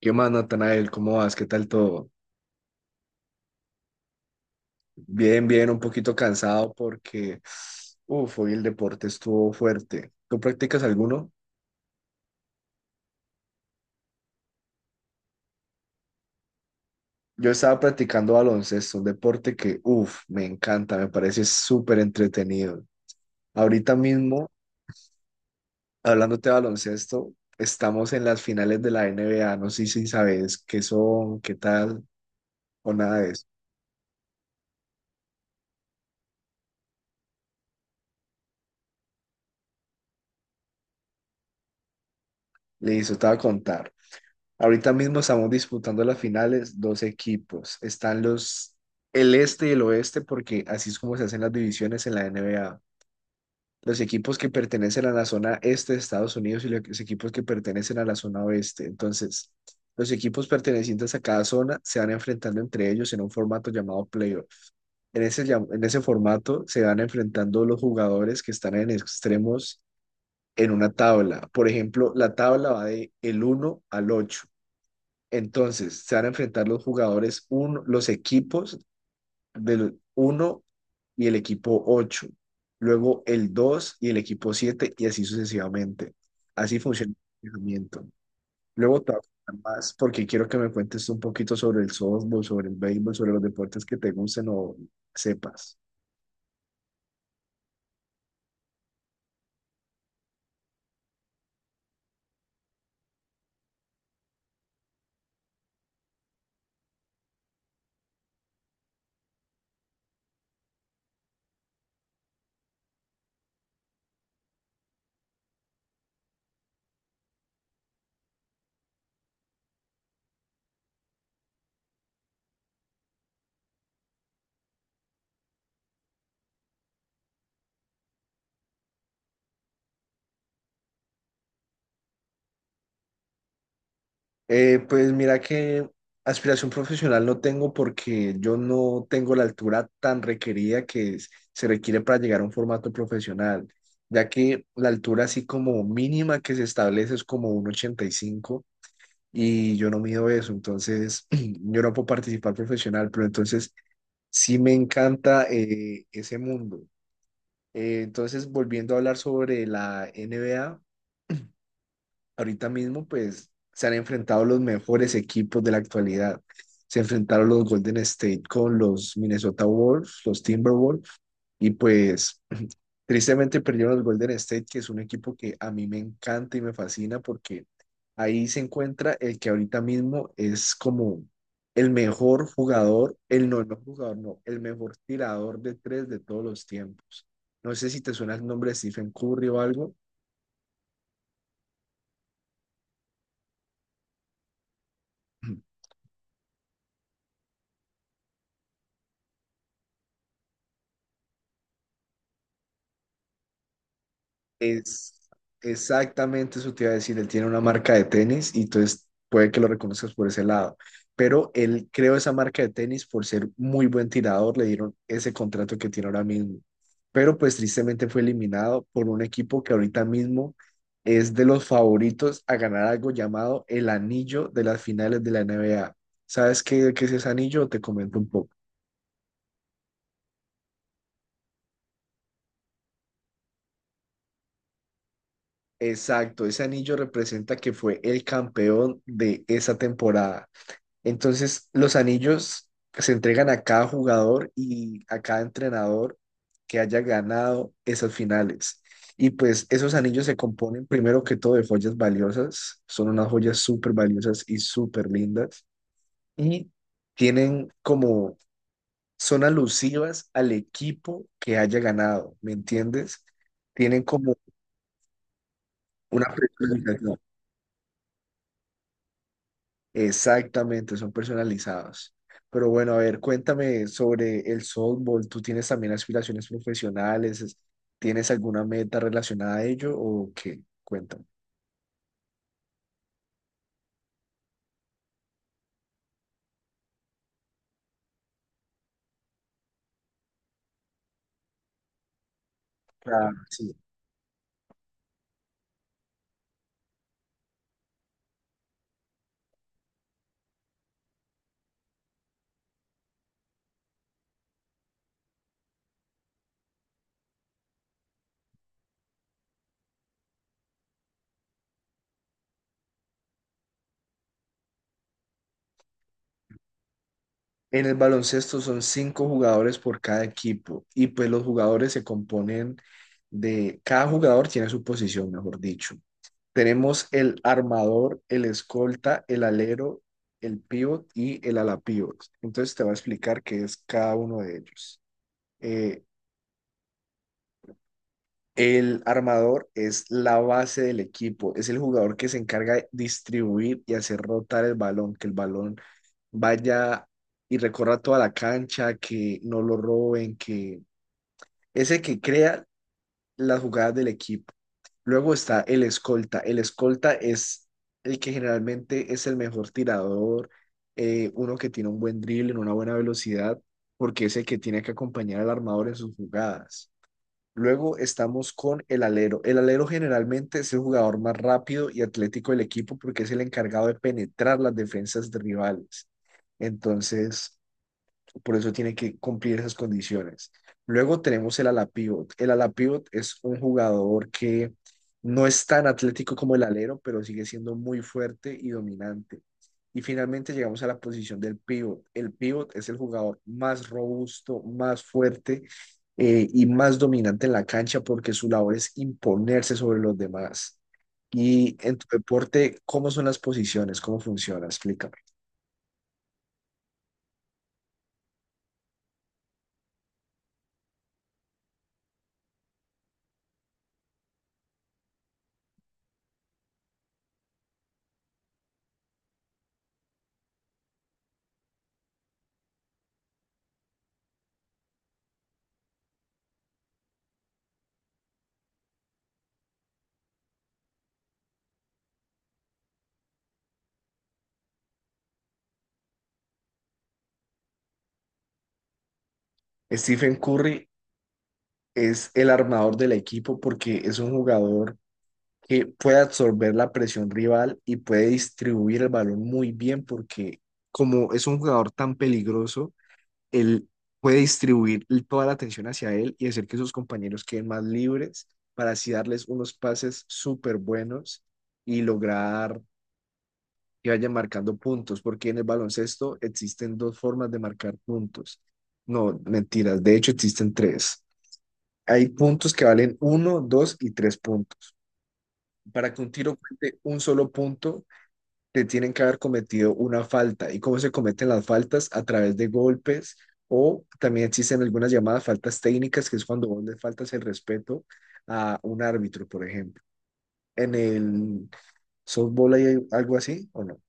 ¿Qué más, Natanael? ¿Cómo vas? ¿Qué tal todo? Bien, bien, un poquito cansado porque, hoy el deporte estuvo fuerte. ¿Tú practicas alguno? Yo estaba practicando baloncesto, un deporte que, me encanta, me parece súper entretenido. Ahorita mismo, hablándote de baloncesto, estamos en las finales de la NBA, no sé si sabes qué son, qué tal o nada de eso. Listo, te voy a contar. Ahorita mismo estamos disputando las finales, dos equipos. Están el este y el oeste, porque así es como se hacen las divisiones en la NBA. Los equipos que pertenecen a la zona este de Estados Unidos y los equipos que pertenecen a la zona oeste. Entonces, los equipos pertenecientes a cada zona se van enfrentando entre ellos en un formato llamado playoff. En ese, en ese formato se van enfrentando los jugadores que están en extremos en una tabla. Por ejemplo, la tabla va de el uno al 8 entonces, se van a enfrentar los jugadores, uno, los equipos del uno y el equipo 8, luego el 2 y el equipo 7 y así sucesivamente. Así funciona el entrenamiento. Luego te voy a contar más porque quiero que me cuentes un poquito sobre el softball, sobre el béisbol, sobre los deportes que te gusten o sepas. Pues mira que aspiración profesional no tengo porque yo no tengo la altura tan requerida que se requiere para llegar a un formato profesional, ya que la altura así como mínima que se establece es como 1,85 y yo no mido eso, entonces yo no puedo participar profesional, pero entonces sí me encanta ese mundo. Entonces volviendo a hablar sobre la NBA ahorita mismo, pues se han enfrentado los mejores equipos de la actualidad. Se enfrentaron los Golden State con los Minnesota Wolves, los Timberwolves, y pues tristemente perdieron los Golden State, que es un equipo que a mí me encanta y me fascina porque ahí se encuentra el que ahorita mismo es como el mejor jugador, el no, no jugador, no, el mejor tirador de tres de todos los tiempos. No sé si te suena el nombre de Stephen Curry o algo. Es exactamente eso te iba a decir. Él tiene una marca de tenis y entonces puede que lo reconozcas por ese lado. Pero él creó esa marca de tenis por ser muy buen tirador. Le dieron ese contrato que tiene ahora mismo. Pero pues tristemente fue eliminado por un equipo que ahorita mismo es de los favoritos a ganar algo llamado el anillo de las finales de la NBA. ¿Sabes qué, qué es ese anillo? Te comento un poco. Exacto, ese anillo representa que fue el campeón de esa temporada. Entonces, los anillos se entregan a cada jugador y a cada entrenador que haya ganado esas finales. Y pues esos anillos se componen primero que todo de joyas valiosas, son unas joyas súper valiosas y súper lindas. Y tienen como, son alusivas al equipo que haya ganado, ¿me entiendes? Tienen como una... Exactamente, son personalizados. Pero bueno, a ver, cuéntame sobre el softball. ¿Tú tienes también aspiraciones profesionales? ¿Tienes alguna meta relacionada a ello o qué? Cuéntame. Claro, sí. En el baloncesto son cinco jugadores por cada equipo y pues los jugadores se componen de, cada jugador tiene su posición, mejor dicho. Tenemos el armador, el escolta, el alero, el pivot y el ala pivot. Entonces te voy a explicar qué es cada uno de ellos. eh, el armador es la base del equipo, es el jugador que se encarga de distribuir y hacer rotar el balón, que el balón vaya y recorra toda la cancha, que no lo roben, que es el que crea las jugadas del equipo. Luego está el escolta. El escolta es el que generalmente es el mejor tirador, uno que tiene un buen dribbling, una buena velocidad, porque es el que tiene que acompañar al armador en sus jugadas. Luego estamos con el alero. El alero generalmente es el jugador más rápido y atlético del equipo porque es el encargado de penetrar las defensas de rivales. Entonces, por eso tiene que cumplir esas condiciones. Luego tenemos el ala pivot. El ala pivot es un jugador que no es tan atlético como el alero, pero sigue siendo muy fuerte y dominante. Y finalmente llegamos a la posición del pivot. El pivot es el jugador más robusto, más fuerte y más dominante en la cancha porque su labor es imponerse sobre los demás. Y en tu deporte, ¿cómo son las posiciones? ¿Cómo funciona? Explícame. Stephen Curry es el armador del equipo porque es un jugador que puede absorber la presión rival y puede distribuir el balón muy bien porque como es un jugador tan peligroso, él puede distribuir toda la atención hacia él y hacer que sus compañeros queden más libres para así darles unos pases súper buenos y lograr que vayan marcando puntos, porque en el baloncesto existen dos formas de marcar puntos. No, mentiras, de hecho existen tres. Hay puntos que valen uno, dos y tres puntos. Para que un tiro cuente un solo punto, te tienen que haber cometido una falta. ¿Y cómo se cometen las faltas? A través de golpes o también existen algunas llamadas faltas técnicas, que es cuando vos le faltas el respeto a un árbitro, por ejemplo. En el softball hay algo así, ¿o no?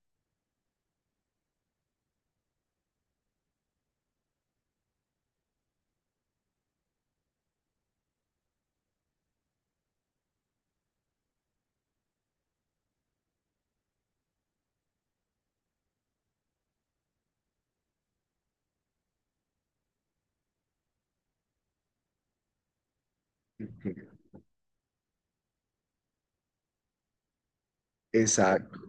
Exacto.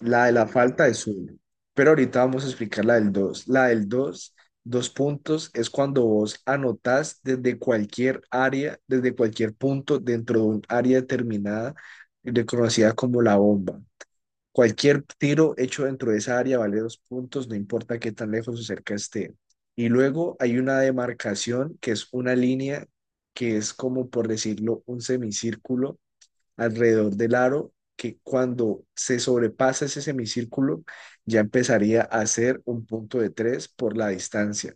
La de la falta es uno, pero ahorita vamos a explicar la del dos. La del dos, dos puntos, es cuando vos anotás desde cualquier área, desde cualquier punto dentro de un área determinada, reconocida como la bomba. Cualquier tiro hecho dentro de esa área vale dos puntos, no importa qué tan lejos o cerca esté. Y luego hay una demarcación que es una línea que es como, por decirlo, un semicírculo alrededor del aro que cuando se sobrepasa ese semicírculo ya empezaría a ser un punto de tres por la distancia.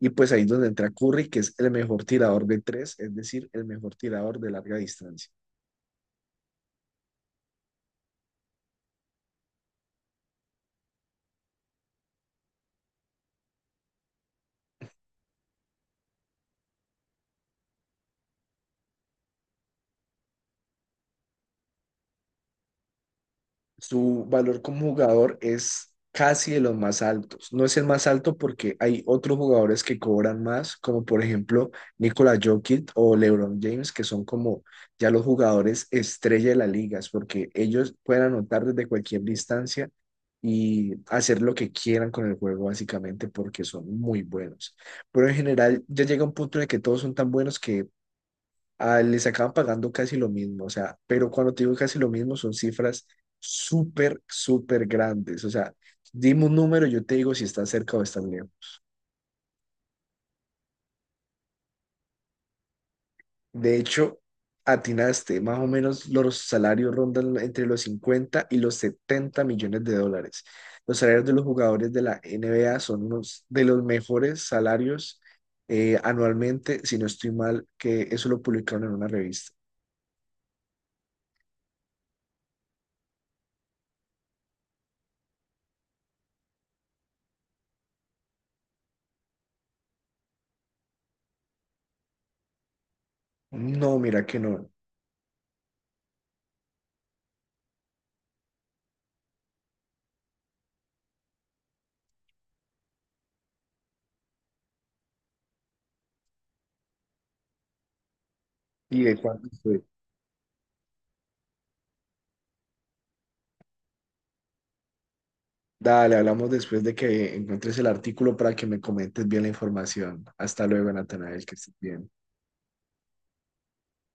Y pues ahí es donde entra Curry, que es el mejor tirador de tres, es decir, el mejor tirador de larga distancia. Su valor como jugador es casi de los más altos. No es el más alto porque hay otros jugadores que cobran más, como por ejemplo Nikola Jokic o LeBron James, que son como ya los jugadores estrella de las ligas, porque ellos pueden anotar desde cualquier distancia y hacer lo que quieran con el juego, básicamente, porque son muy buenos. Pero en general ya llega un punto en el que todos son tan buenos que les acaban pagando casi lo mismo, o sea, pero cuando te digo casi lo mismo son cifras súper, súper grandes, o sea, dime un número, yo te digo si estás cerca o estás lejos. De hecho, atinaste, más o menos los salarios rondan entre los 50 y los 70 millones de dólares. Los salarios de los jugadores de la NBA son unos de los mejores salarios anualmente, si no estoy mal, que eso lo publicaron en una revista. No, mira que no. ¿Y de cuánto? Dale, hablamos después de que encuentres el artículo para que me comentes bien la información. Hasta luego, Natanael, que estés bien.